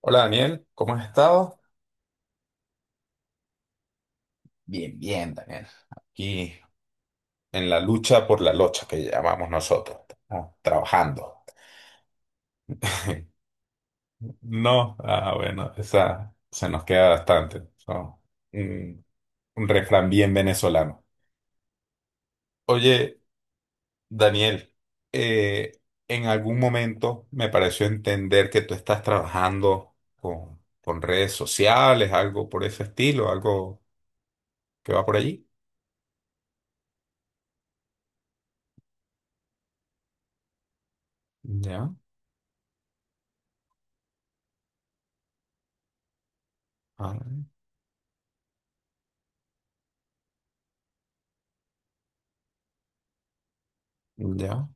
Hola Daniel, ¿cómo has estado? Bien, bien, Daniel. Aquí en la lucha por la locha que llamamos nosotros, estamos trabajando. No, bueno, esa se nos queda bastante, ¿no? un, un refrán bien venezolano. Oye, Daniel, eh, en algún momento me pareció entender que tú estás trabajando con redes sociales, algo por ese estilo, algo que va por allí. Ya, ah, ya,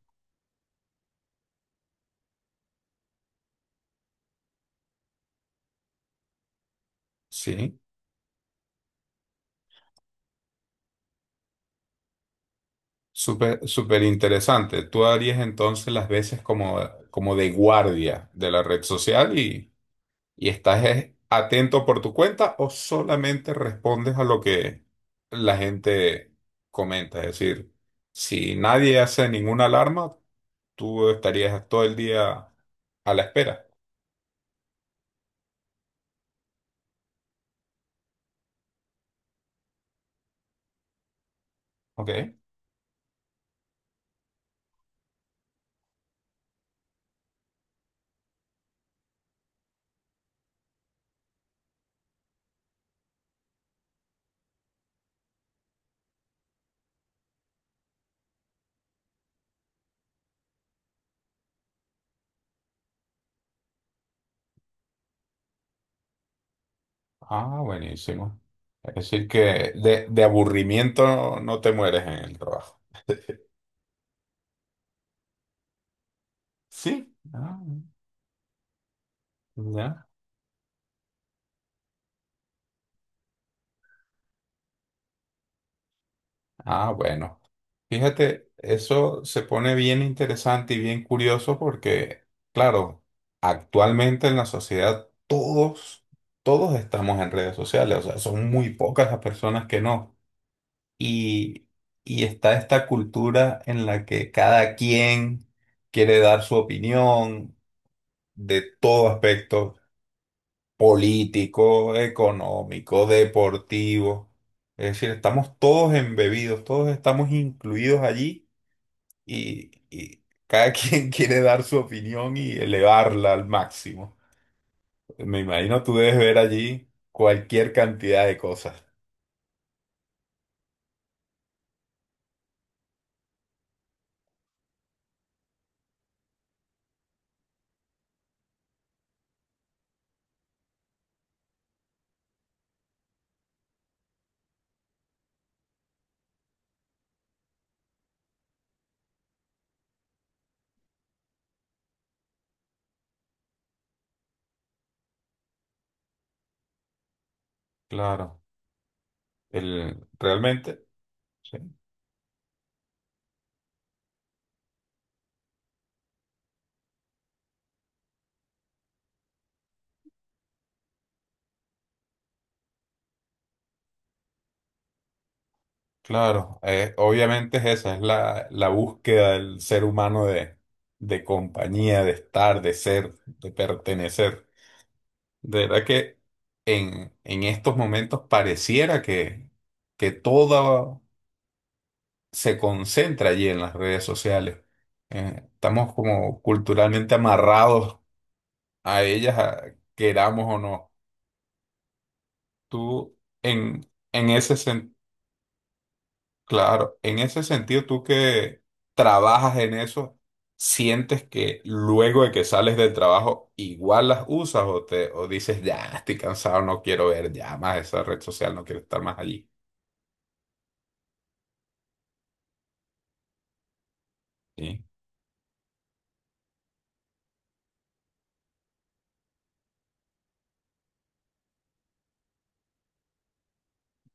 sí. Súper, súper interesante. Tú harías entonces las veces como de guardia de la red social y estás atento por tu cuenta, o solamente respondes a lo que la gente comenta. Es decir, si nadie hace ninguna alarma, tú estarías todo el día a la espera. Ok. Ah, buenísimo. Es decir, que de aburrimiento no te mueres en el trabajo. Sí. Ah, ya. Ah, bueno. Fíjate, eso se pone bien interesante y bien curioso porque, claro, actualmente en la sociedad todos estamos en redes sociales, o sea, son muy pocas las personas que no. Y, y está esta cultura en la que cada quien quiere dar su opinión de todo aspecto político, económico, deportivo. Es decir, estamos todos embebidos, todos estamos incluidos allí y cada quien quiere dar su opinión y elevarla al máximo. Me imagino tú debes ver allí cualquier cantidad de cosas. Claro, realmente, sí, claro, obviamente es esa, es la búsqueda del ser humano de compañía, de estar, de ser, de pertenecer. De verdad que en estos momentos pareciera que toda se concentra allí en las redes sociales. Estamos como culturalmente amarrados a ellas, queramos o no. Tú, en, en ese sen- claro, en ese sentido, tú que trabajas en eso, ¿sientes que luego de que sales del trabajo igual las usas, o te, o dices, ya, estoy cansado, no quiero ver ya más esa red social, no quiero estar más allí? Sí.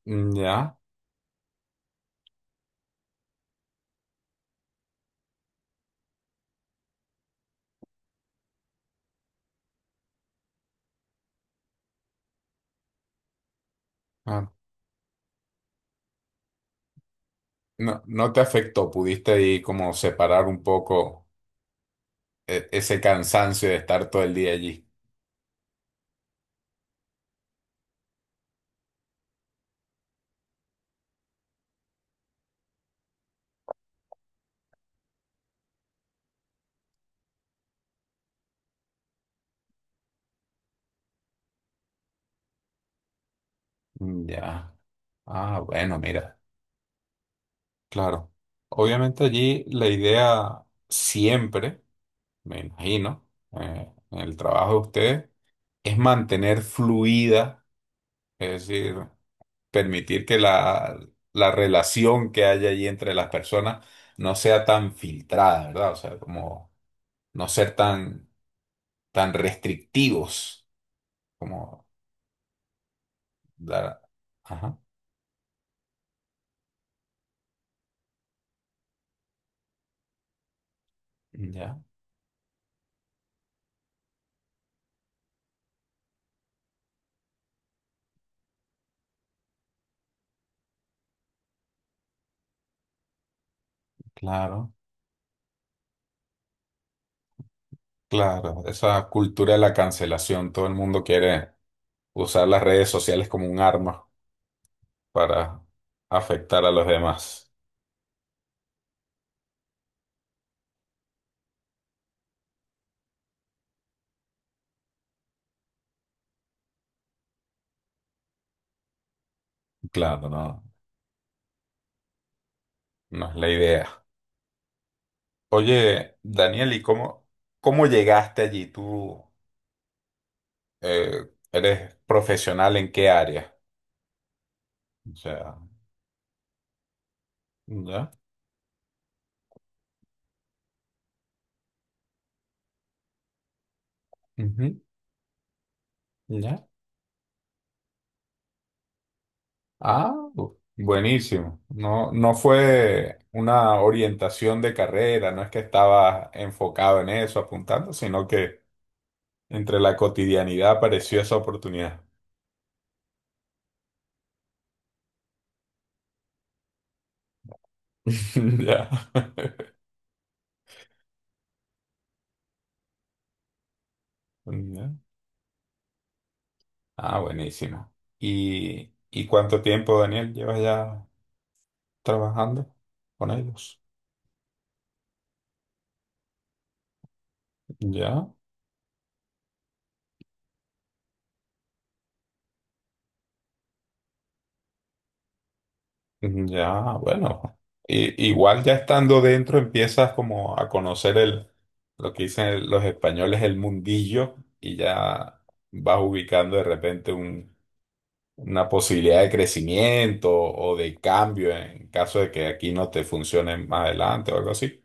Mm, ya. Ah, no, no te afectó, pudiste ahí como separar un poco ese cansancio de estar todo el día allí. Mm, ya. Ah, bueno, mira, claro. Obviamente allí la idea siempre, me imagino, en el trabajo de ustedes, es mantener fluida, es decir, permitir que la relación que haya allí entre las personas no sea tan filtrada, ¿verdad? O sea, como no ser tan, tan restrictivos, como dar... Ajá, ya, claro. Claro, esa cultura de la cancelación, todo el mundo quiere usar las redes sociales como un arma para afectar a los demás. Claro, no, no es la idea. Oye, Daniel, ¿y cómo, cómo llegaste allí? ¿Tú eres profesional en qué área? O sea, ya, ujú, ya. Ah, buenísimo. No, no fue una orientación de carrera, no es que estaba enfocado en eso, apuntando, sino que entre la cotidianidad apareció esa oportunidad. Ya. Ya. Ah, buenísimo. Y cuánto tiempo, Daniel, llevas ya trabajando con ellos? Ya, ya, bueno. Igual ya estando dentro empiezas como a conocer lo que dicen los españoles, el mundillo, y ya vas ubicando de repente un una posibilidad de crecimiento o de cambio en caso de que aquí no te funcione más adelante o algo así.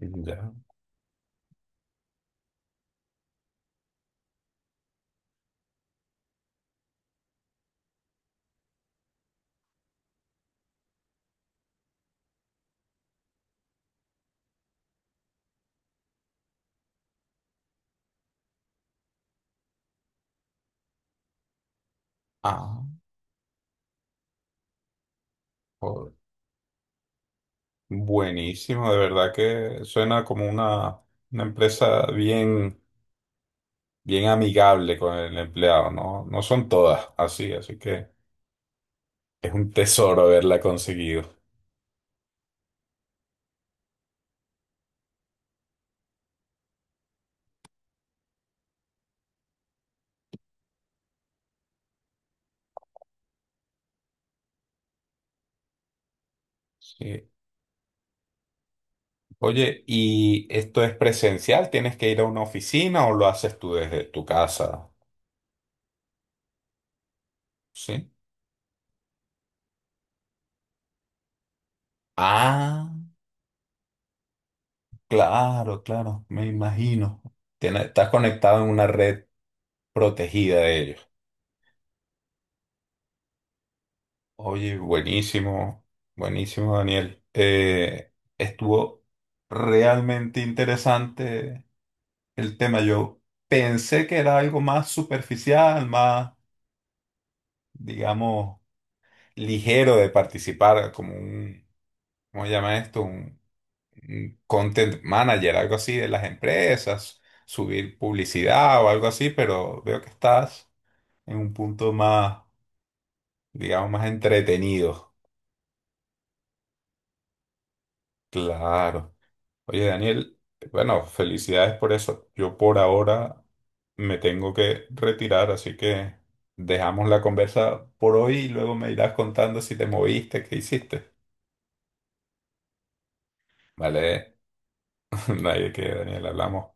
Ya. Ah, joder. Buenísimo, de verdad que suena como una empresa bien, bien amigable con el empleado, ¿no? No son todas así, así que es un tesoro haberla conseguido. Sí. Oye, ¿y esto es presencial? ¿Tienes que ir a una oficina o lo haces tú desde tu casa? Sí. Ah. Claro, claro, me imagino. Estás conectado en una red protegida de ellos. Oye, buenísimo, buenísimo, Daniel. Estuvo realmente interesante el tema. Yo pensé que era algo más superficial, más, digamos, ligero de participar, como un, ¿cómo se llama esto? Un content manager, algo así de las empresas, subir publicidad o algo así, pero veo que estás en un punto más, digamos, más entretenido. Claro. Oye, Daniel, bueno, felicidades por eso. Yo por ahora me tengo que retirar, así que dejamos la conversa por hoy y luego me irás contando si te moviste, qué hiciste. Vale, nadie que Daniel, hablamos.